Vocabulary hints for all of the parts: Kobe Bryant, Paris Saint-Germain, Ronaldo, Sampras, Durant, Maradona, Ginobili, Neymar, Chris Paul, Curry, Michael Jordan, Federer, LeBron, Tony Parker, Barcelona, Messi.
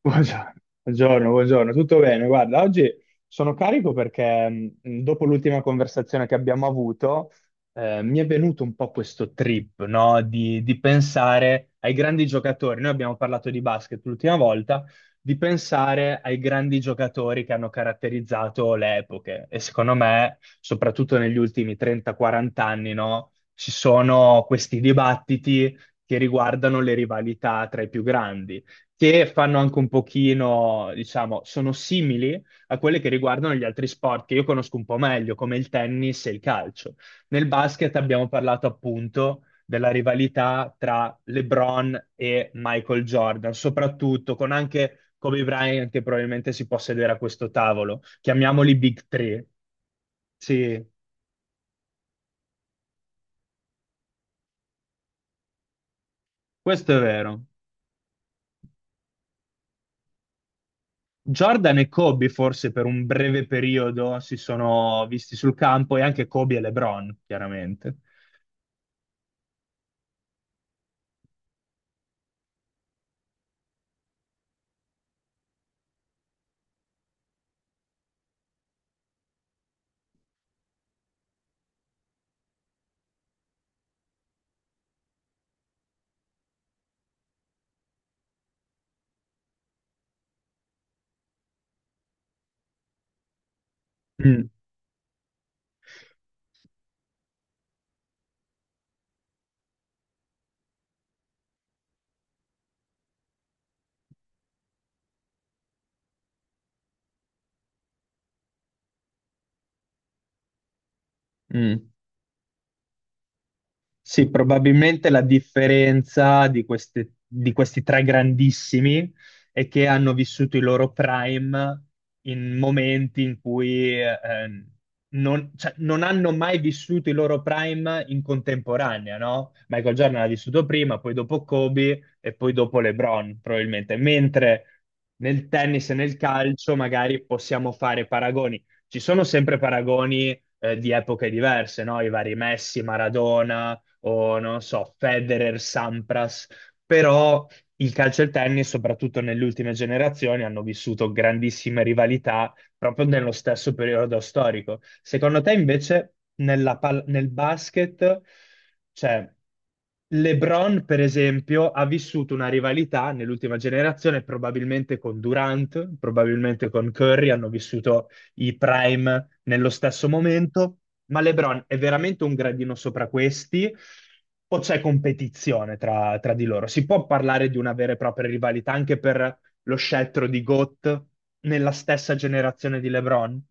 Buongiorno, buongiorno, buongiorno. Tutto bene? Guarda, oggi sono carico perché dopo l'ultima conversazione che abbiamo avuto, mi è venuto un po' questo trip, no? Di pensare ai grandi giocatori. Noi abbiamo parlato di basket l'ultima volta, di pensare ai grandi giocatori che hanno caratterizzato le epoche. E secondo me, soprattutto negli ultimi 30-40 anni, no? Ci sono questi dibattiti che riguardano le rivalità tra i più grandi che fanno anche un pochino, diciamo, sono simili a quelle che riguardano gli altri sport che io conosco un po' meglio, come il tennis e il calcio. Nel basket abbiamo parlato appunto della rivalità tra LeBron e Michael Jordan, soprattutto con anche Kobe Bryant che probabilmente si può sedere a questo tavolo. Chiamiamoli Big Three. Sì, questo è vero. Jordan e Kobe forse per un breve periodo si sono visti sul campo e anche Kobe e LeBron, chiaramente. Mh, mh. Sì, probabilmente la differenza di, di questi tre grandissimi è che hanno vissuto il loro prime in momenti in cui non, cioè, non hanno mai vissuto il loro prime in contemporanea, no? Michael Jordan l'ha vissuto prima, poi dopo Kobe e poi dopo LeBron, probabilmente. Mentre nel tennis e nel calcio magari possiamo fare paragoni. Ci sono sempre paragoni di epoche diverse, no? I vari Messi, Maradona o non so, Federer, Sampras, però il calcio e il tennis, soprattutto nelle ultime generazioni, hanno vissuto grandissime rivalità proprio nello stesso periodo storico. Secondo te invece nel basket, cioè LeBron per esempio ha vissuto una rivalità nell'ultima generazione probabilmente con Durant, probabilmente con Curry, hanno vissuto i prime nello stesso momento, ma LeBron è veramente un gradino sopra questi? O c'è competizione tra di loro? Si può parlare di una vera e propria rivalità anche per lo scettro di GOAT nella stessa generazione di LeBron?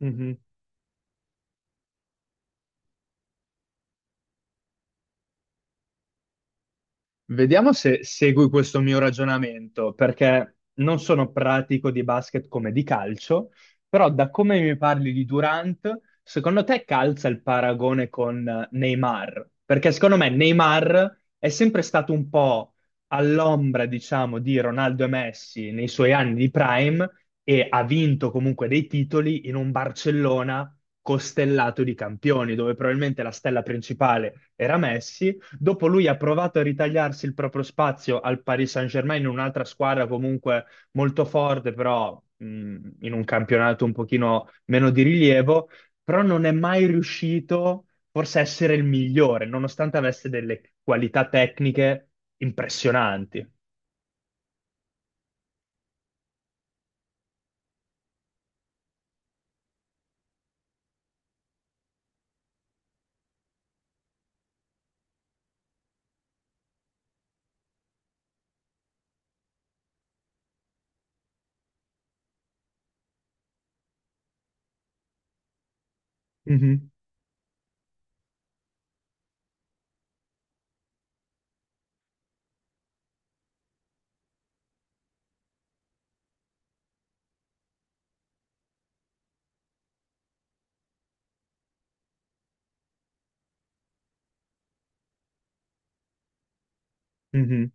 Mhm. Vediamo se segui questo mio ragionamento, perché non sono pratico di basket come di calcio, però da come mi parli di Durant, secondo te calza il paragone con Neymar? Perché secondo me Neymar è sempre stato un po' all'ombra, diciamo, di Ronaldo e Messi nei suoi anni di prime e ha vinto comunque dei titoli in un Barcellona costellato di campioni, dove probabilmente la stella principale era Messi. Dopo lui ha provato a ritagliarsi il proprio spazio al Paris Saint-Germain in un'altra squadra comunque molto forte, però in un campionato un pochino meno di rilievo, però non è mai riuscito forse a essere il migliore, nonostante avesse delle qualità tecniche impressionanti. Mhm, mhm.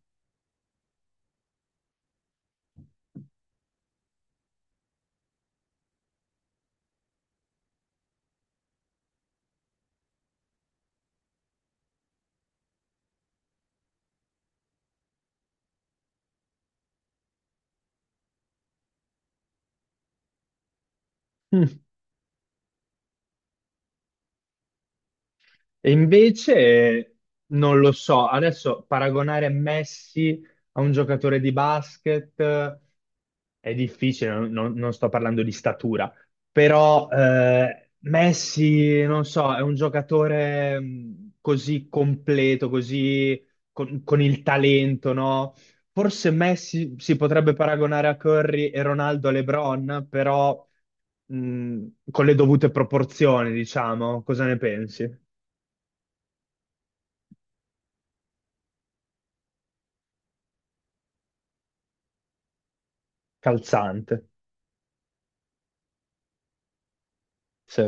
Mm. E invece non lo so, adesso paragonare Messi a un giocatore di basket è difficile, non sto parlando di statura, però Messi, non so, è un giocatore così completo, così con il talento, no? Forse Messi si potrebbe paragonare a Curry e Ronaldo a LeBron, però con le dovute proporzioni, diciamo. Cosa ne pensi? Calzante, sì.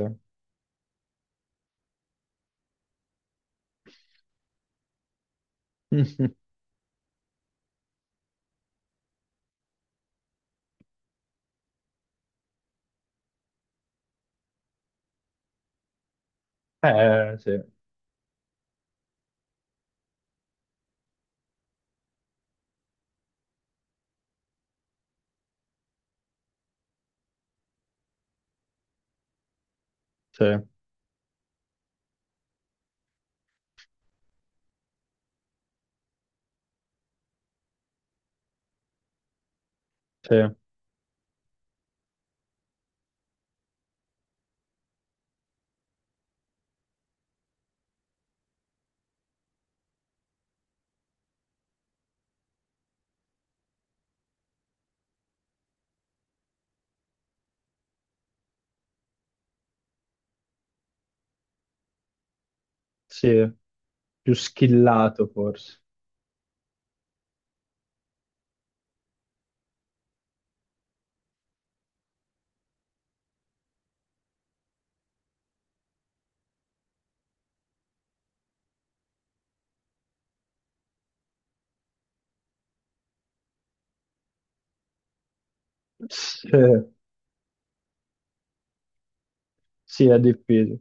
Sì, sì, sì, sì, più schillato forse. Sì, sì, è difficile.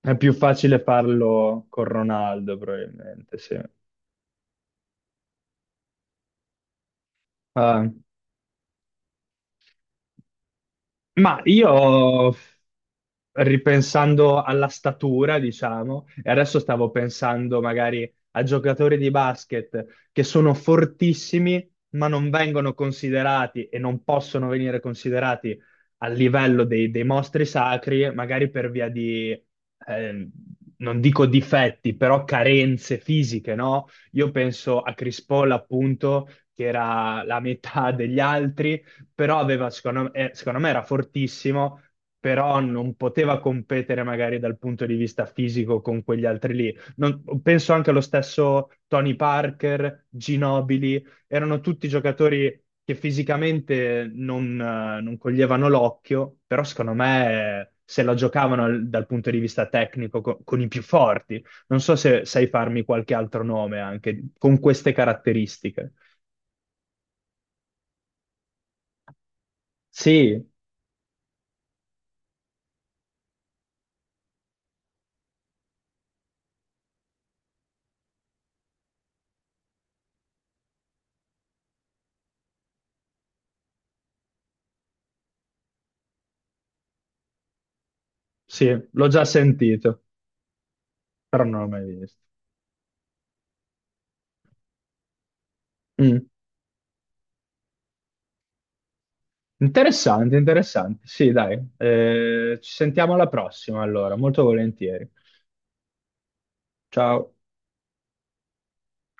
È più facile farlo con Ronaldo, probabilmente, sì. Ah. Ma io, ripensando alla statura, diciamo, e adesso stavo pensando magari a giocatori di basket che sono fortissimi, ma non vengono considerati e non possono venire considerati a livello dei, dei mostri sacri, magari per via di, eh, non dico difetti, però carenze fisiche, no? Io penso a Chris Paul, appunto, che era la metà degli altri però aveva, secondo me era fortissimo, però non poteva competere magari dal punto di vista fisico con quegli altri lì. Penso anche allo stesso Tony Parker, Ginobili, erano tutti giocatori che fisicamente non coglievano l'occhio, però secondo me se la giocavano dal punto di vista tecnico con i più forti. Non so se sai farmi qualche altro nome anche con queste caratteristiche. Sì, sì, l'ho già sentito. Però non l'ho mai visto. Mm. Interessante, interessante. Sì, dai. Ci sentiamo alla prossima, allora, molto volentieri. Ciao.